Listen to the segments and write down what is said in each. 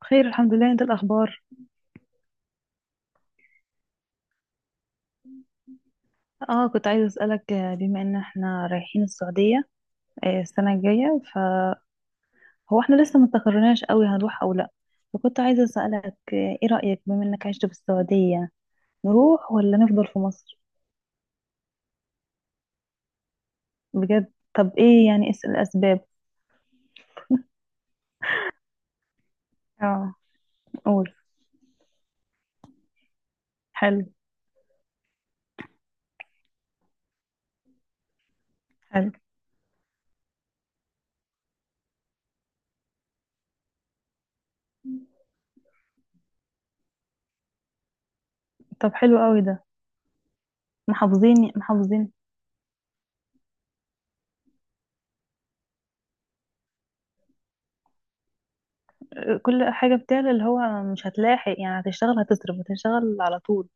بخير، الحمد لله. انت، الاخبار؟ اه، كنت عايزه اسالك بما ان احنا رايحين السعوديه السنه الجايه، فهو احنا لسه ما استقرناش قوي هنروح او لا. فكنت عايزه اسالك ايه رايك بما انك عشت في السعوديه، نروح ولا نفضل في مصر؟ بجد؟ طب ايه يعني الاسباب؟ اه. قول. حلو. حلو. طب حلو قوي ده. محافظين محافظين. كل حاجه بتعلى، اللي هو مش هتلاحق يعني. هتشتغل، هتصرف، هتشتغل على طول.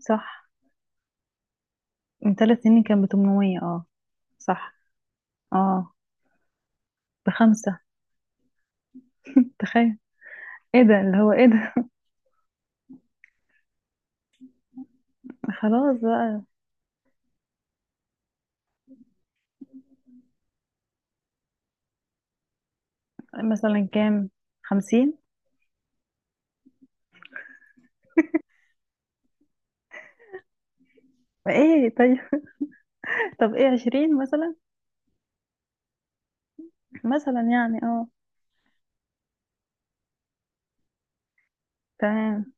صح. من 3 سنين كان ب 800. اه. صح. اه، بخمسة. تخيل. ايه ده، اللي هو ايه ده! خلاص بقى. مثلا كام؟ 50. ايه؟ طيب. طب ايه، 20 مثلا؟ مثلا يعني، اه. تمام.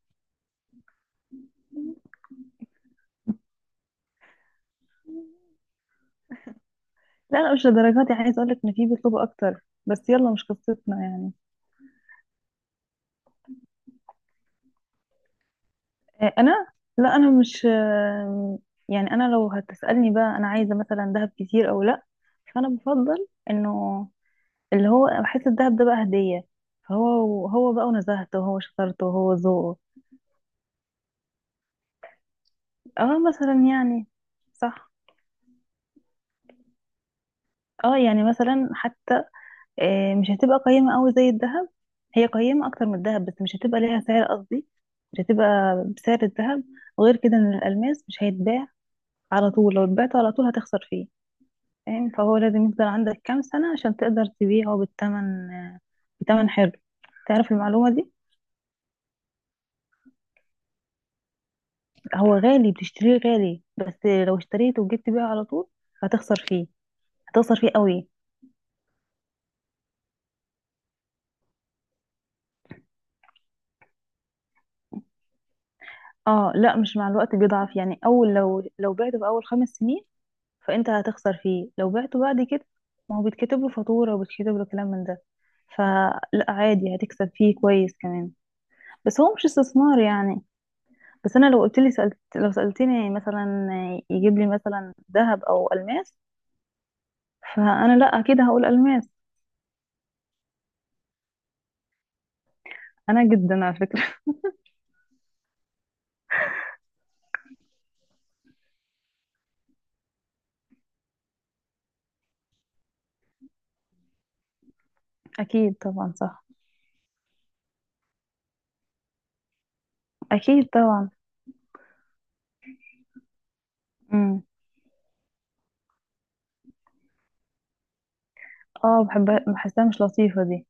لا، لا، مش لدرجات يعني، عايز اقولك ان في بيطلبوا اكتر. بس يلا، مش قصتنا يعني. إيه انا؟ لا انا مش يعني انا لو هتسألني بقى، انا عايزة مثلا دهب كتير او لا؟ فانا بفضل انه اللي هو بحس الدهب ده بقى هدية. فهو هو بقى، ونزهته، وهو شطارته، وهو ذوقه. اه، مثلا يعني. صح. اه، يعني مثلا حتى مش هتبقى قيمة قوي زي الذهب. هي قيمة اكتر من الذهب، بس مش هتبقى ليها سعر، قصدي مش هتبقى بسعر الذهب. غير كده ان الالماس مش هيتباع على طول. لو اتبعته على طول هتخسر فيه. فاهم؟ فهو لازم يفضل عندك كام سنة عشان تقدر تبيعه بالثمن، بثمن حلو. تعرف المعلومة دي؟ هو غالي، بتشتريه غالي، بس لو اشتريته وجيت تبيعه على طول هتخسر فيه. هتخسر فيه قوي. اه، لا مش مع الوقت بيضعف يعني. اول لو بعته في اول 5 سنين فانت هتخسر فيه. لو بعته بعد كده، ما هو بيتكتب له فاتورة، وبيتكتب له كلام من ده، فلا عادي، هتكسب فيه كويس كمان. بس هو مش استثمار يعني. بس انا لو قلت لي سألت لو سألتني مثلا يجيب لي مثلا ذهب او الماس، فانا لا، اكيد هقول الماس. انا جدا، على فكرة. اكيد طبعا، صح. اكيد طبعا. امم. اه، بحب. بحسها مش لطيفة دي.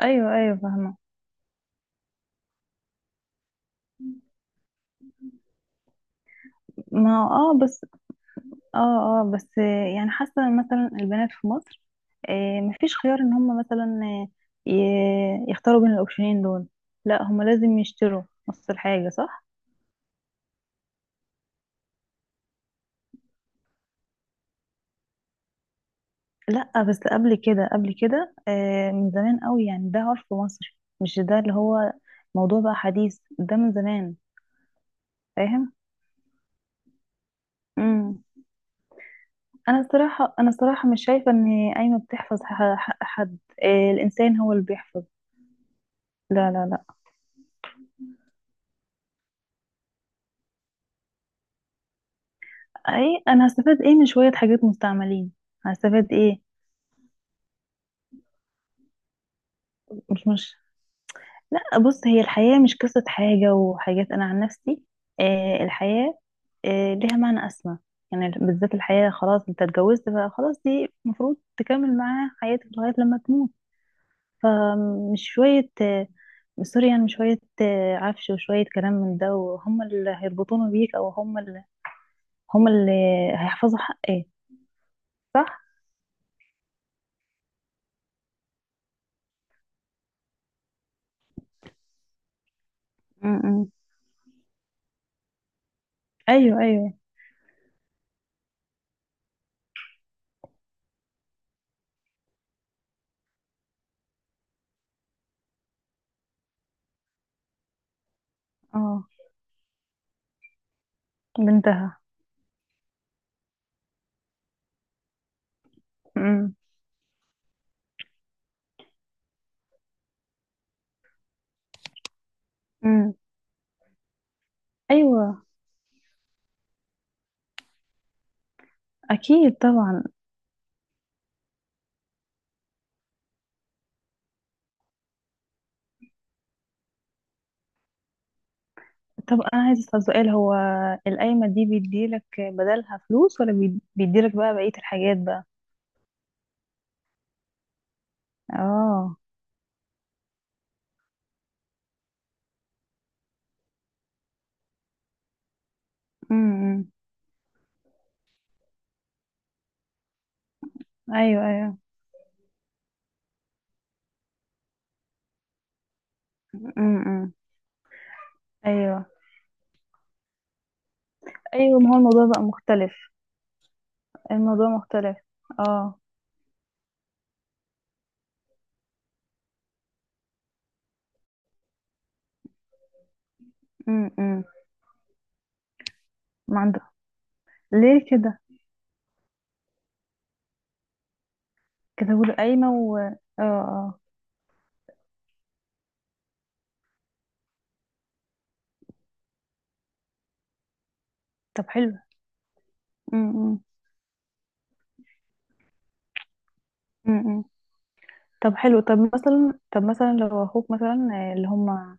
ايوه، ايوه، فاهمة. ما، اه، بس. اه، اه، بس. يعني حاسه إن مثلا البنات في مصر مفيش خيار ان هم مثلا يختاروا بين الاوبشنين دول. لا، هم لازم يشتروا نص الحاجه، صح. لا، بس قبل كده من زمان قوي يعني. ده عرف مصر، مش ده اللي هو موضوع بقى حديث، ده من زمان. فاهم؟ امم. انا الصراحه مش شايفه ان قايمه بتحفظ حد. الانسان هو اللي بيحفظ. لا، لا، لا. اي انا هستفاد ايه من شوية حاجات مستعملين؟ هستفاد ايه؟ مش مش لا، بص، هي الحياة مش قصة حاجة وحاجات. انا عن نفسي الحياة، ليها معنى اسمى. يعني بالذات الحياة، خلاص انت اتجوزت فخلاص، دي المفروض تكمل معاها حياتك لغاية لما تموت. فمش شوية آه سوري، يعني مش شوية عفش وشوية كلام من ده، وهم اللي هيربطونه بيك، او هم اللي هيحفظوا حقك. صح. م- م. ايوه، ايوه. اه. بنتها. امم. امم. ايوه. اكيد طبعا. طب انا عايز اسال سؤال، هو القايمه دي بيديلك بدلها فلوس ولا بيديلك بقى بقيه الحاجات بقى؟ اه. امم. ايوه، ايوه. امم. ايوه، ايوه، ما هو الموضوع بقى مختلف. الموضوع مختلف. اه. امم. ما عنده. ليه كده؟ كتبوا له قايمه، و اه. اه. طب حلو. امم. امم. طب حلو. طب مثلا، لو اخوك مثلا، اللي هم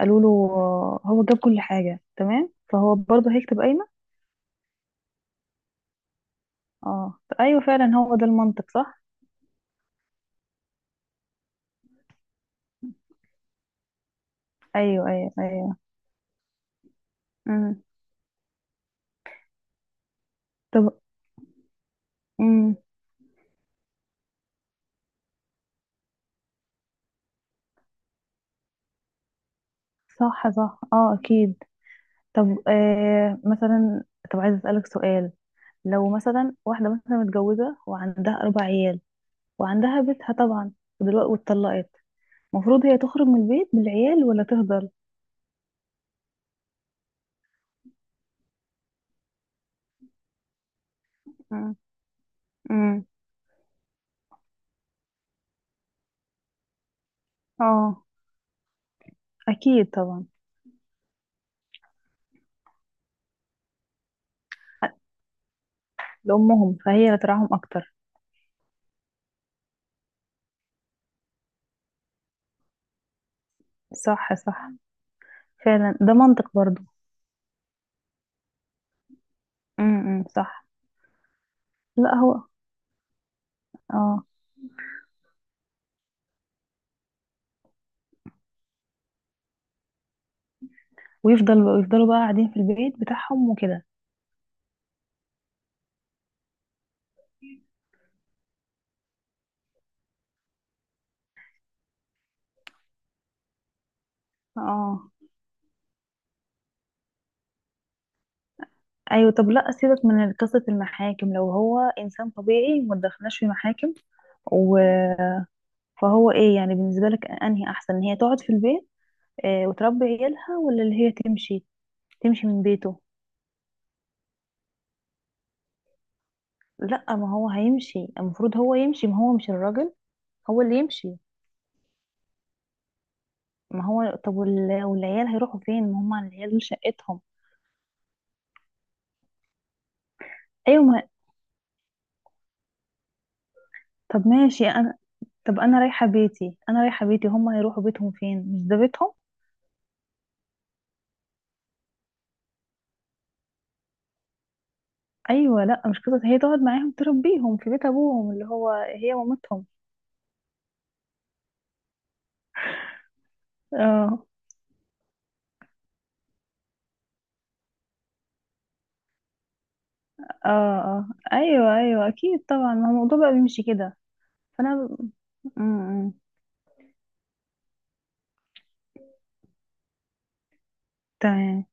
قالوا له هو جاب كل حاجة تمام، فهو برضه هيكتب قايمة؟ اه، ايوه، فعلا هو ده المنطق. صح. ايوه، ايوه، ايوه. امم. طب. امم. صح، صح، اه، اكيد. طب مثلا، طب عايزه اسالك سؤال. لو مثلا واحده مثلا متجوزه وعندها اربع عيال، وعندها بيتها طبعا، ودلوقتي واتطلقت، المفروض هي تخرج من البيت بالعيال ولا تفضل؟ امم. امم. اه، اكيد طبعا. لامهم، فهي اللي ترعاهم اكتر. صح، صح، فعلا ده منطق برضو. امم، صح. لا، هو. اه. ويفضل، ويفضلوا بقى قاعدين في البيت بتاعهم وكده؟ اه. ايوه، طب لا، سيبك من قصة المحاكم. لو هو انسان طبيعي ما تدخلناش في محاكم. و، فهو ايه يعني بالنسبة لك، انهي احسن، ان هي تقعد في البيت وتربي عيالها، ولا اللي هي تمشي، تمشي من بيته؟ لا، ما هو هيمشي، المفروض هو يمشي، ما هو مش الراجل هو اللي يمشي. ما هو، طب والعيال هيروحوا فين؟ ما هم العيال دول شقتهم. ايوه، ما طب ماشي انا. طب انا رايحه بيتي، هم هيروحوا بيتهم فين؟ مش ده بيتهم؟ ايوه، لا مش قصه، هي تقعد معاهم تربيهم في بيت ابوهم، اللي هو هي مامتهم. اه، اه، اه، ايوه، ايوه، اكيد طبعا، ما هو الموضوع بقى بيمشي كده. فانا م- م. تمام.